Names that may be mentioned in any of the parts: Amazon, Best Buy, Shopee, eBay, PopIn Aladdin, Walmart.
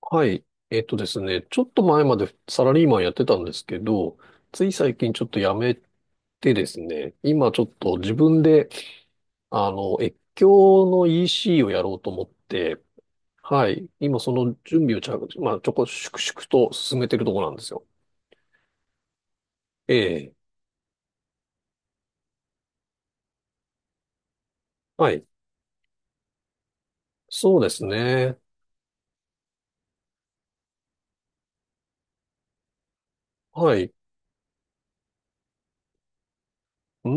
はい。えっとですね、ちょっと前までサラリーマンやってたんですけど、つい最近ちょっと辞めてですね、今ちょっと自分で、越境の EC をやろうと思って、はい。今その準備をちゃ、まあ、ちょこ、粛々と進めてるところなんですよ。ええ。はい。そうですね。はい。うー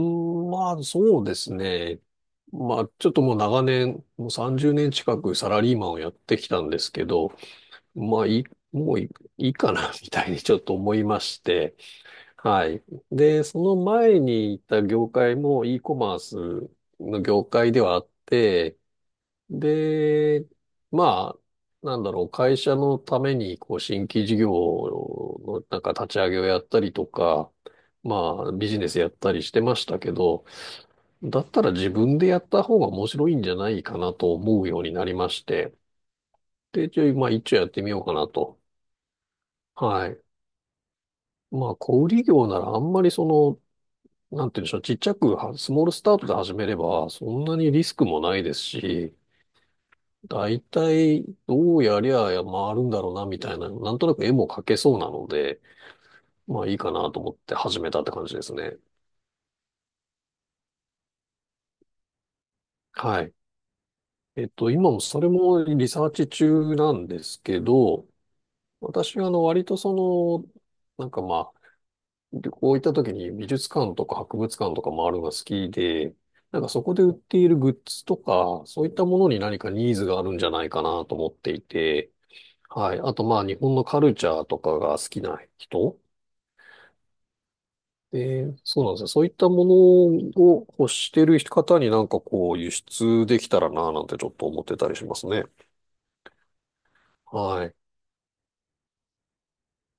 ん、まあ、そうですね。まあ、ちょっともう長年、もう30年近くサラリーマンをやってきたんですけど、まあ、いい、もういい、いいかな、みたいにちょっと思いまして。はい。で、その前に行った業界も e コマースの業界ではあって、で、ま会社のために、こう、新規事業の、なんか立ち上げをやったりとか、まあ、ビジネスやったりしてましたけど、だったら自分でやった方が面白いんじゃないかなと思うようになりまして、で、ちょい、まあ、一応やってみようかなと。はい。まあ、小売業ならあんまりその、なんて言うんでしょう、ちっちゃくは、スモールスタートで始めれば、そんなにリスクもないですし、大体どうやりゃ回るんだろうな、みたいな、なんとなく絵も描けそうなので、まあいいかなと思って始めたって感じですね。はい。今もそれもリサーチ中なんですけど、私はあの割となんかまあ、旅行行った時に美術館とか博物館とか回るのが好きで、なんかそこで売っているグッズとか、そういったものに何かニーズがあるんじゃないかなと思っていて、はい。あとまあ日本のカルチャーとかが好きな人で、そうなんですよ。そういったものを欲してる方になんかこう輸出できたらななんてちょっと思ってたりしますね。はい。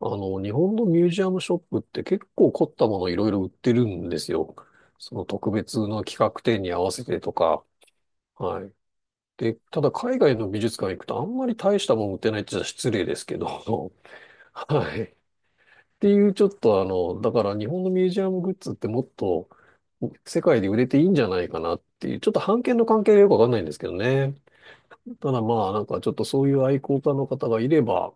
あの、日本のミュージアムショップって結構凝ったものいろいろ売ってるんですよ。その特別の企画展に合わせてとか、はい。で、ただ海外の美術館行くとあんまり大したもん売ってないって言ったら失礼ですけど、はい。っていうちょっとあの、だから日本のミュージアムグッズってもっと世界で売れていいんじゃないかなっていう、ちょっと版権の関係がよくわかんないんですけどね。ただまあなんかちょっとそういう愛好家の方がいれば、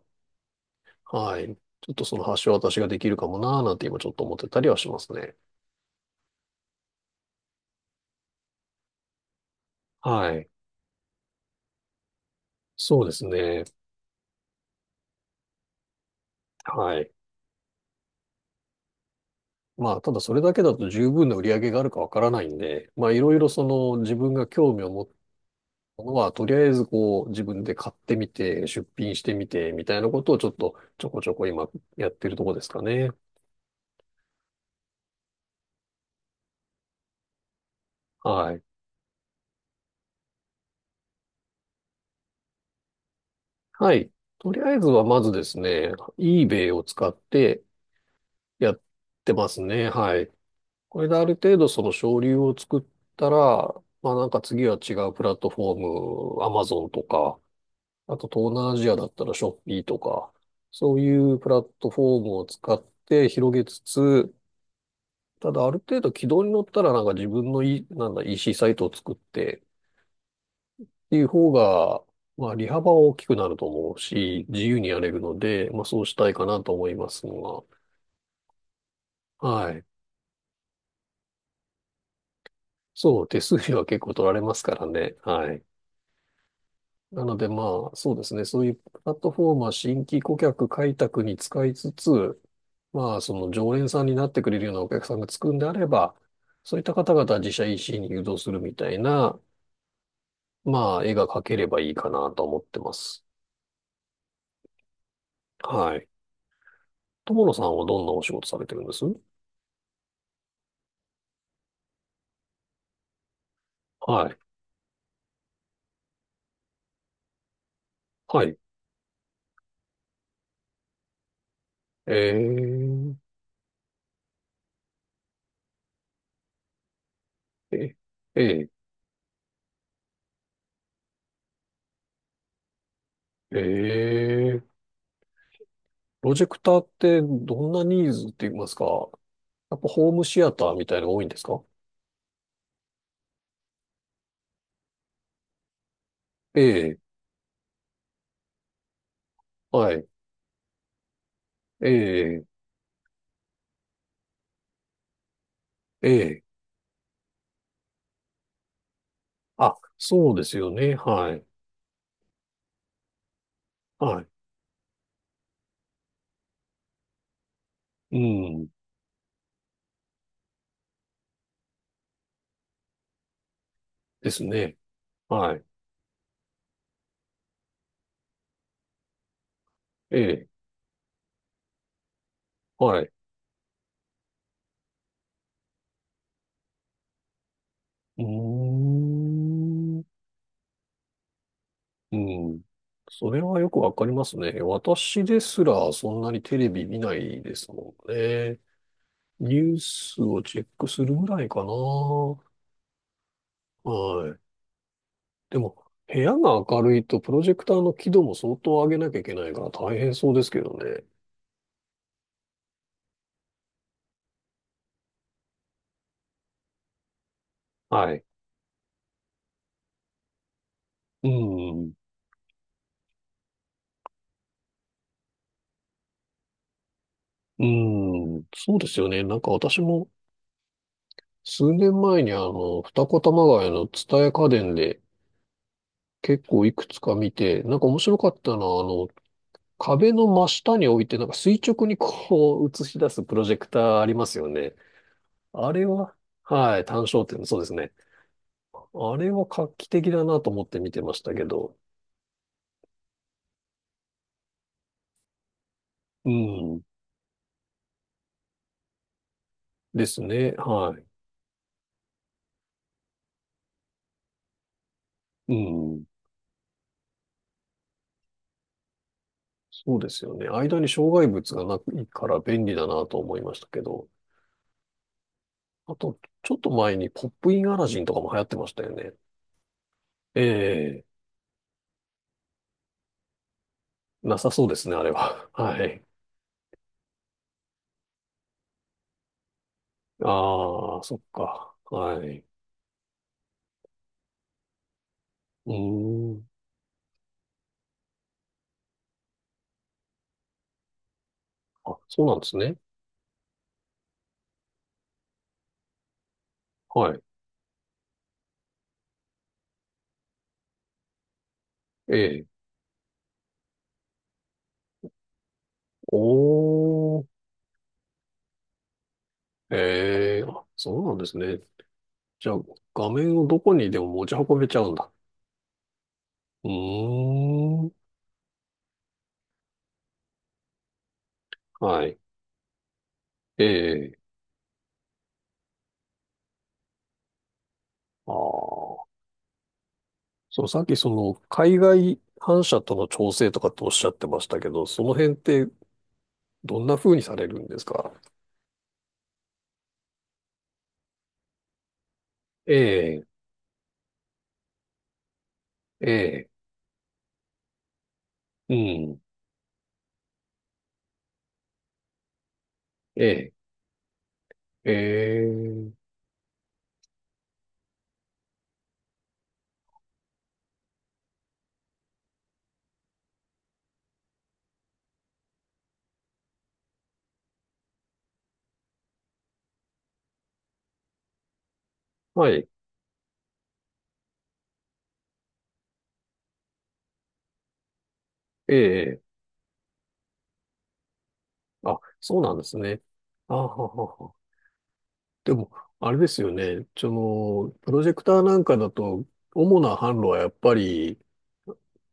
はい。ちょっとその橋渡しができるかもなーなんて今ちょっと思ってたりはしますね。はい。そうですね。はい。まあ、ただそれだけだと十分な売り上げがあるかわからないんで、まあ、いろいろその自分が興味を持ったものは、とりあえずこう、自分で買ってみて、出品してみて、みたいなことをちょっとちょこちょこ今やってるとこですかね。はい。はい。とりあえずはまずですね、eBay を使ってやってますね。はい。これである程度その省流を作ったら、まあなんか次は違うプラットフォーム、Amazon とか、あと東南アジアだったらショッピーとか、そういうプラットフォームを使って広げつつ、ただある程度軌道に乗ったらなんか自分のい、なんだ EC サイトを作ってっていう方が、まあ利幅は大きくなると思うし、自由にやれるので、まあそうしたいかなと思いますが、はい。そう、手数料は結構取られますからね。はい。なのでまあそうですね、そういうプラットフォームは新規顧客開拓に使いつつ、まあ、その常連さんになってくれるようなお客さんがつくんであれば、そういった方々は自社 EC に誘導するみたいな、まあ、絵が描ければいいかなと思ってます。はい。友野さんはどんなお仕事されてるんです？はい。はい。えー、え、えー、えー、プロジェクターってどんなニーズって言いますか？やっぱホームシアターみたいなのが多いんですか？ええ、はい。ええ、ええ。あ、そうですよね。はい。はい。うん。ですね。はい。ええ。はい。うーん。うん。それはよくわかりますね。私ですらそんなにテレビ見ないですもんね。ニュースをチェックするぐらいかな。はい。でも、部屋が明るいとプロジェクターの輝度も相当上げなきゃいけないから大変そうですけどね。はい。うん。うん。そうですよね。なんか私も数年前にあの、二子玉川の蔦屋家電で、結構いくつか見て、なんか面白かったのは、あの、壁の真下に置いて、なんか垂直にこう 映し出すプロジェクターありますよね。あれは、はい、単焦点、そうですね。あれは画期的だなと思って見てましたけど。うん。ですね。はい。うん。そうですよね。間に障害物がないから便利だなと思いましたけど。あと、ちょっと前にポップインアラジンとかも流行ってましたよね。ええ、なさそうですね、あれは。はい。ああ、そっか。はい。うーん。あ、そうなんですね。はい。ええ。おー。ええ。あ、そうなんですね。じゃあ、画面をどこにでも持ち運べちゃうんだ。うーん。はい。ええ。ああ。そう、さっきその、海外反射との調整とかっておっしゃってましたけど、その辺ってどんな風にされるんですか？ええ。ええ。うん。ええ。ええ。はい。ええ。あ、そうなんですね。あははは。でも、あれですよね。その、プロジェクターなんかだと、主な販路はやっぱり、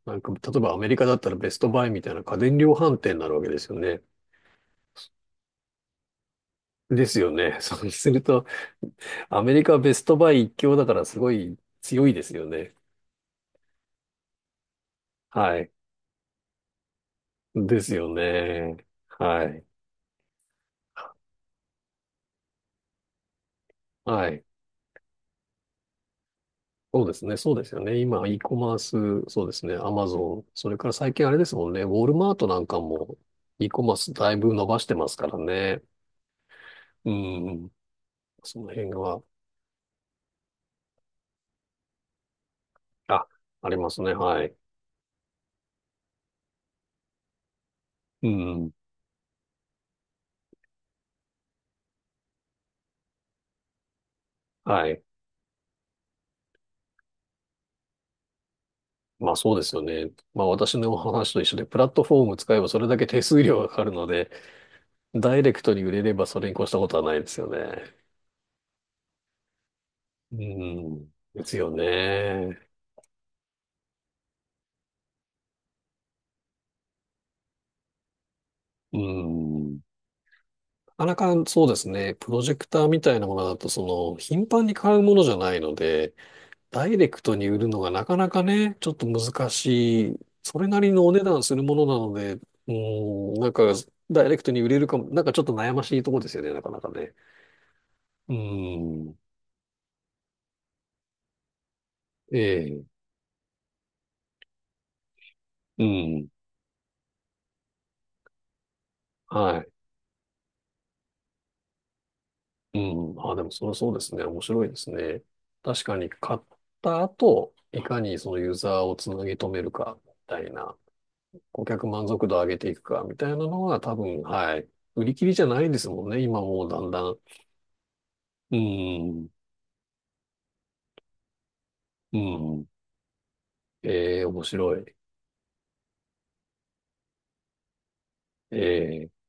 なんか、例えばアメリカだったらベストバイみたいな家電量販店になるわけですよね。ですよね。そうすると、アメリカはベストバイ一強だからすごい強いですよね。はい。ですよね。はい。はい。そうですね。そうですよね。今、e コマース、そうですね。アマゾン。それから最近あれですもんね。ウォールマートなんかも e コマースだいぶ伸ばしてますからね。うん。その辺は、あ、ありますね。はい。うん。はい。まあそうですよね。まあ私のお話と一緒で、プラットフォーム使えばそれだけ手数料がかかるので、ダイレクトに売れればそれに越したことはないですよね。うん。ですよね。うん。なかなかそうですね、プロジェクターみたいなものだと、その、頻繁に買うものじゃないので、ダイレクトに売るのがなかなかね、ちょっと難しい、それなりのお値段するものなので、うん、なんか、ダイレクトに売れるかも、なんかちょっと悩ましいところですよね、なかなかね。うん、ええ、うん、はい、うん、あ、でもそれはそうですね、面白いですね。確かに買った後、いかにそのユーザーをつなぎ止めるか、みたいな。顧客満足度を上げていくか、みたいなのが多分、はい。売り切りじゃないですもんね。今もうだんだん。うん、うん。ええ、面白い。ええ